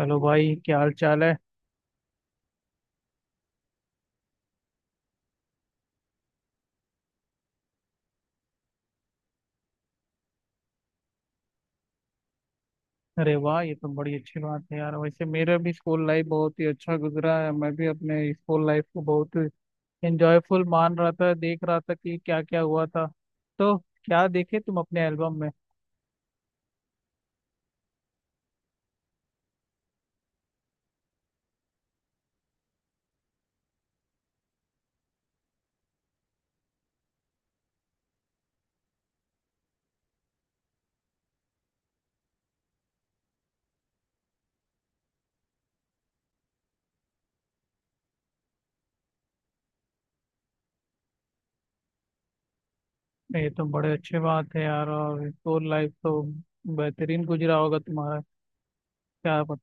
Hello भाई, क्या हाल चाल है? अरे वाह, ये तो बड़ी अच्छी बात है यार। वैसे मेरा भी स्कूल लाइफ बहुत ही अच्छा गुजरा है। मैं भी अपने स्कूल लाइफ को बहुत एंजॉयफुल मान रहा था, देख रहा था कि क्या क्या हुआ था। तो क्या देखे तुम अपने एल्बम में? ये तो बड़े अच्छे बात है यार, और स्कूल लाइफ तो बेहतरीन गुजरा होगा तुम्हारा, क्या पता।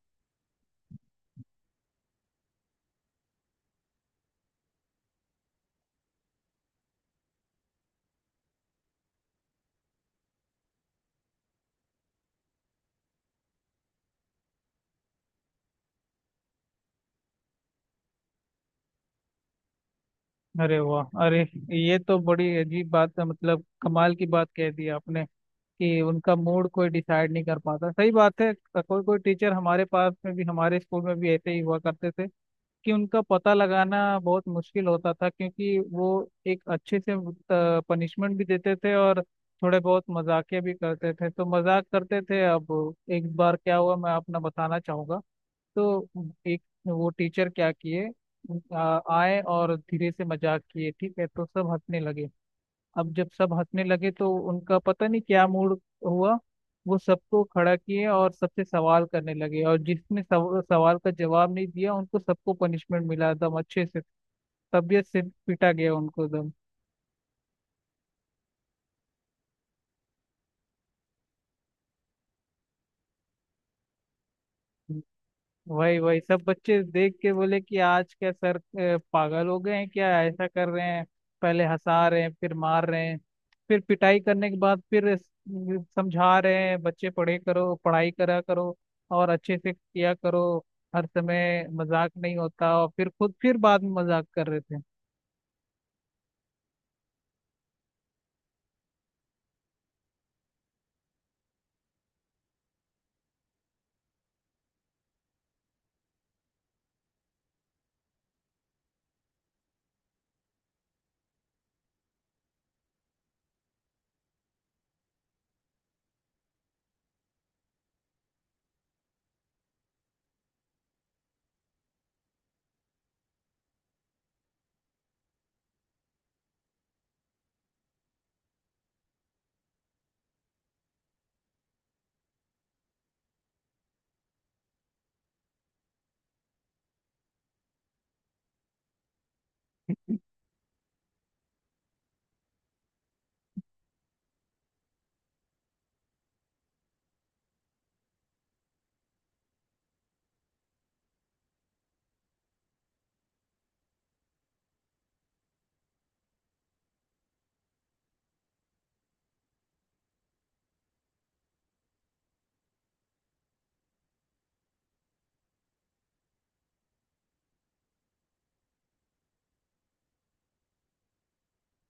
अरे वाह। अरे, ये तो बड़ी अजीब बात है, मतलब कमाल की बात कह दी आपने कि उनका मूड कोई डिसाइड नहीं कर पाता। सही बात है। कोई कोई टीचर हमारे पास में भी, हमारे स्कूल में भी ऐसे ही हुआ करते थे कि उनका पता लगाना बहुत मुश्किल होता था, क्योंकि वो एक अच्छे से पनिशमेंट भी देते थे और थोड़े बहुत मजाकिया भी करते थे, तो मजाक करते थे। अब एक बार क्या हुआ, मैं अपना बताना चाहूंगा। तो एक वो टीचर क्या किए, आए और धीरे से मजाक किए, ठीक है, तो सब हंसने लगे। अब जब सब हंसने लगे तो उनका पता नहीं क्या मूड हुआ, वो सबको खड़ा किए और सबसे सवाल करने लगे, और जिसने सवाल का जवाब नहीं दिया उनको सबको पनिशमेंट मिला एकदम अच्छे से, तबीयत से पिटा गया उनको एकदम। वही वही सब बच्चे देख के बोले कि आज क्या सर, पागल हो गए हैं क्या, ऐसा कर रहे हैं, पहले हंसा रहे हैं फिर मार रहे हैं। फिर पिटाई करने के बाद फिर समझा रहे हैं बच्चे, पढ़े करो, पढ़ाई करा करो और अच्छे से किया करो, हर समय मजाक नहीं होता, और फिर खुद फिर बाद में मजाक कर रहे थे।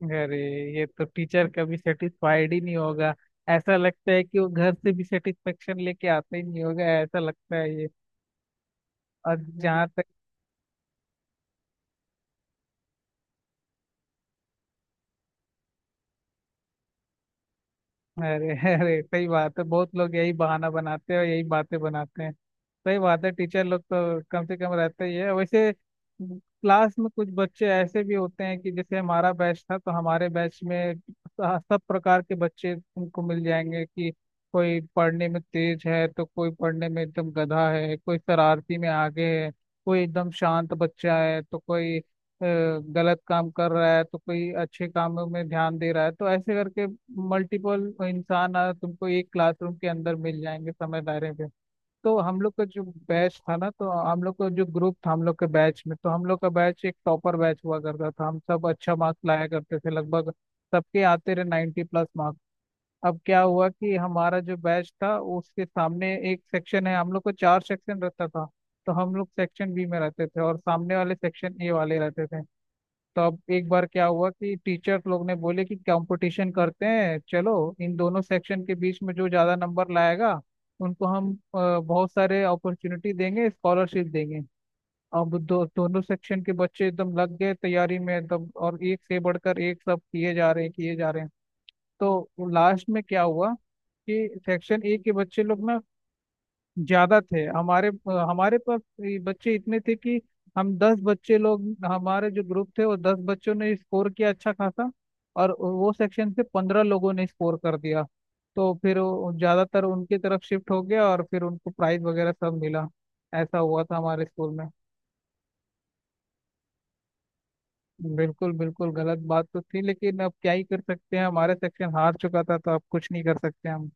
अरे, ये तो टीचर कभी सेटिस्फाइड ही नहीं होगा। ऐसा लगता है कि वो घर से भी सेटिस्फेक्शन लेके आता ही नहीं होगा, ऐसा लगता है ये। और जहाँ तक। अरे अरे, सही बात है। बहुत लोग यही बहाना बनाते हैं और यही बातें बनाते हैं। सही बात है, टीचर लोग तो कम से कम रहते ही है वैसे। क्लास में कुछ बच्चे ऐसे भी होते हैं कि जैसे हमारा बैच था, तो हमारे बैच में सब प्रकार के बच्चे तुमको मिल जाएंगे कि कोई पढ़ने में तेज है तो कोई पढ़ने में एकदम गधा है, कोई शरारती में आगे है, कोई एकदम शांत बच्चा है, तो कोई गलत काम कर रहा है तो कोई अच्छे कामों में ध्यान दे रहा है। तो ऐसे करके मल्टीपल इंसान तुमको एक क्लासरूम के अंदर मिल जाएंगे समय दायरे पे। तो हम लोग का जो बैच था ना, तो हम लोग का जो ग्रुप था, हम लोग के बैच में, तो हम लोग का बैच एक टॉपर बैच हुआ करता था, हम सब अच्छा मार्क्स लाया करते थे लगभग, सबके आते रहे 90 प्लस मार्क्स। अब क्या हुआ कि हमारा जो बैच था उसके सामने एक सेक्शन है, हम लोग को चार सेक्शन रहता था। तो हम लोग सेक्शन बी में रहते थे और सामने वाले सेक्शन ए वाले रहते थे। तो अब एक बार क्या हुआ कि टीचर लोग ने बोले कि कंपटीशन करते हैं चलो, इन दोनों सेक्शन के बीच में जो ज़्यादा नंबर लाएगा उनको हम बहुत सारे अपॉर्चुनिटी देंगे, स्कॉलरशिप देंगे। अब दो दोनों सेक्शन के बच्चे एकदम लग गए तैयारी में एकदम, और एक से बढ़कर एक सब किए जा रहे हैं, किए जा रहे हैं। तो लास्ट में क्या हुआ कि सेक्शन ए के बच्चे लोग ना ज्यादा थे, हमारे हमारे पास ये बच्चे इतने थे कि हम 10 बच्चे लोग, हमारे जो ग्रुप थे, वो 10 बच्चों ने स्कोर किया अच्छा खासा, और वो सेक्शन से 15 लोगों ने स्कोर कर दिया। तो फिर वो ज्यादातर उनकी तरफ शिफ्ट हो गया और फिर उनको प्राइज वगैरह सब मिला। ऐसा हुआ था हमारे स्कूल में। बिल्कुल बिल्कुल, गलत बात तो थी, लेकिन अब क्या ही कर सकते हैं, हमारे सेक्शन हार चुका था, तो अब कुछ नहीं कर सकते हम।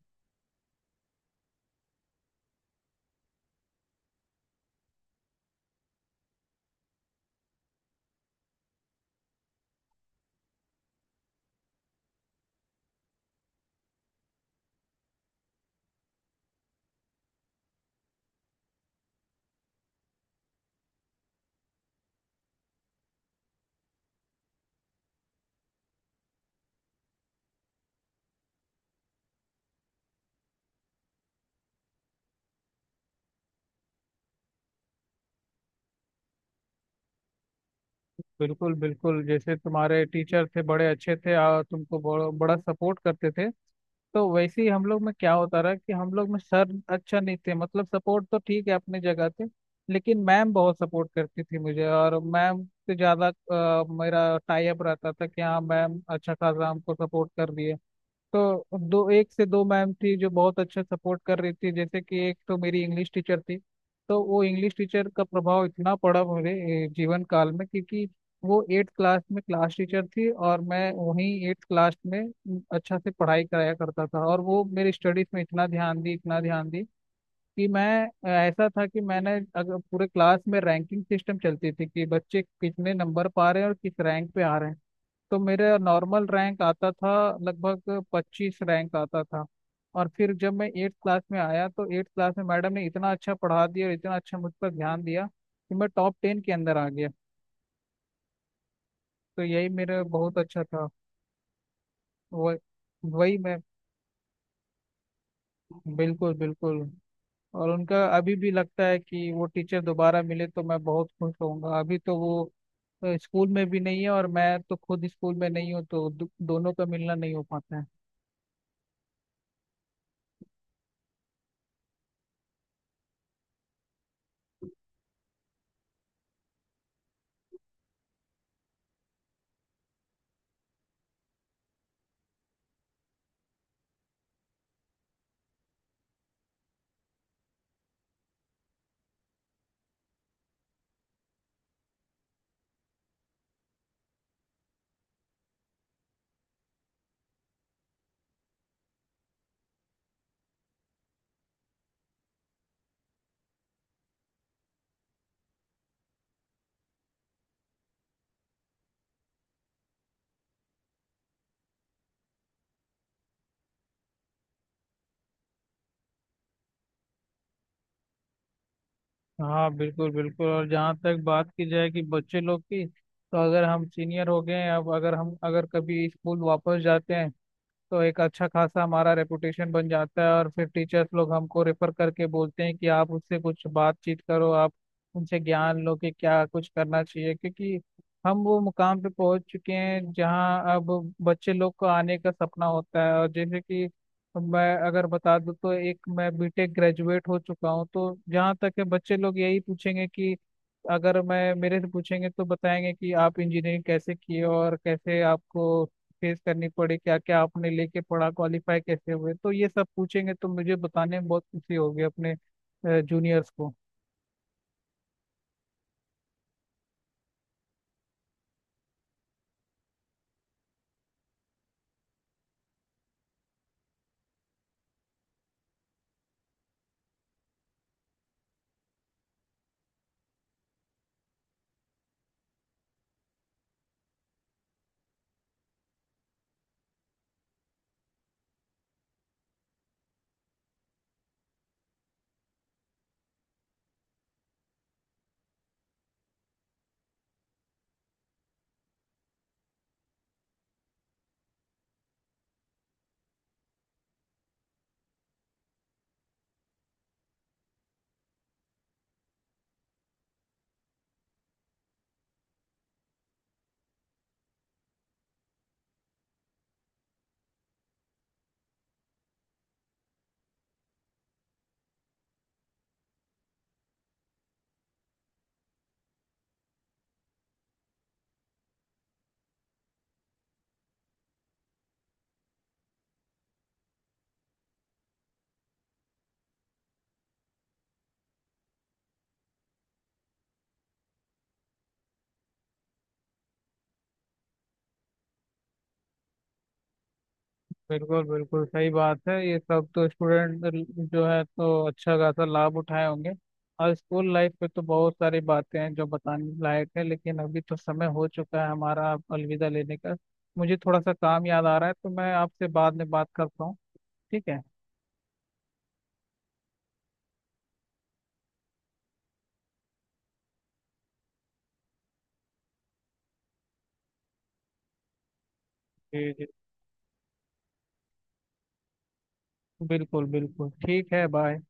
बिल्कुल बिल्कुल, जैसे तुम्हारे टीचर थे बड़े अच्छे थे और तुमको बड़ा बड़ा सपोर्ट करते थे, तो वैसे ही हम लोग में क्या होता रहा कि हम लोग में सर अच्छा नहीं थे, मतलब सपोर्ट तो ठीक है, अपनी जगह थे, लेकिन मैम बहुत सपोर्ट करती थी मुझे। और मैम से ज्यादा मेरा टाई अप रहता था कि हाँ मैम अच्छा खासा हमको सपोर्ट कर रही है। तो दो एक से दो मैम थी जो बहुत अच्छा सपोर्ट कर रही थी, जैसे कि एक तो मेरी इंग्लिश टीचर थी। तो वो इंग्लिश टीचर का प्रभाव इतना पड़ा मेरे जीवन काल में, क्योंकि वो एट्थ क्लास में क्लास टीचर थी और मैं वहीं एट्थ क्लास में अच्छा से पढ़ाई कराया करता था, और वो मेरी स्टडीज में इतना ध्यान दी कि मैं ऐसा था कि मैंने, अगर पूरे क्लास में रैंकिंग सिस्टम चलती थी कि बच्चे कितने नंबर पा रहे हैं और किस रैंक पे आ रहे हैं, तो मेरा नॉर्मल रैंक आता था, लगभग 25 रैंक आता था। और फिर जब मैं एट्थ क्लास में आया, तो एट्थ क्लास में मैडम ने इतना अच्छा पढ़ा दिया और इतना अच्छा मुझ पर ध्यान दिया कि मैं टॉप 10 के अंदर आ गया। तो यही मेरा बहुत अच्छा था। वह वही मैं, बिल्कुल बिल्कुल। और उनका अभी भी लगता है कि वो टीचर दोबारा मिले तो मैं बहुत खुश होऊंगा। अभी तो वो स्कूल में भी नहीं है और मैं तो खुद स्कूल में नहीं हूँ, तो दोनों का मिलना नहीं हो पाता है। हाँ, बिल्कुल बिल्कुल। और जहाँ तक बात की जाए कि बच्चे लोग की, तो अगर हम सीनियर हो गए हैं, अब अगर हम अगर कभी स्कूल वापस जाते हैं, तो एक अच्छा खासा हमारा रेपुटेशन बन जाता है, और फिर टीचर्स लोग हमको रेफर करके बोलते हैं कि आप उससे कुछ बातचीत करो, आप उनसे ज्ञान लो कि क्या कुछ करना चाहिए, क्योंकि हम वो मुकाम पे पहुंच चुके हैं जहां अब बच्चे लोग को आने का सपना होता है। और जैसे कि मैं अगर बता दूं, तो एक मैं बीटेक ग्रेजुएट हो चुका हूं, तो जहां तक है बच्चे लोग यही पूछेंगे कि अगर मैं, मेरे से पूछेंगे तो बताएंगे कि आप इंजीनियरिंग कैसे किए और कैसे आपको फेस करनी पड़ी, क्या क्या आपने लेके पढ़ा, क्वालिफाई कैसे हुए। तो ये सब पूछेंगे, तो मुझे बताने में बहुत खुशी होगी अपने जूनियर्स को। बिल्कुल बिल्कुल, सही बात है, ये सब तो स्टूडेंट जो है तो अच्छा खासा लाभ उठाए होंगे। और स्कूल लाइफ पे तो बहुत सारी बातें हैं जो बताने लायक है, लेकिन अभी तो समय हो चुका है हमारा अब अलविदा लेने का। मुझे थोड़ा सा काम याद आ रहा है, तो मैं आपसे बाद में बात करता हूँ, ठीक है? जी जी, बिल्कुल बिल्कुल, ठीक है, बाय।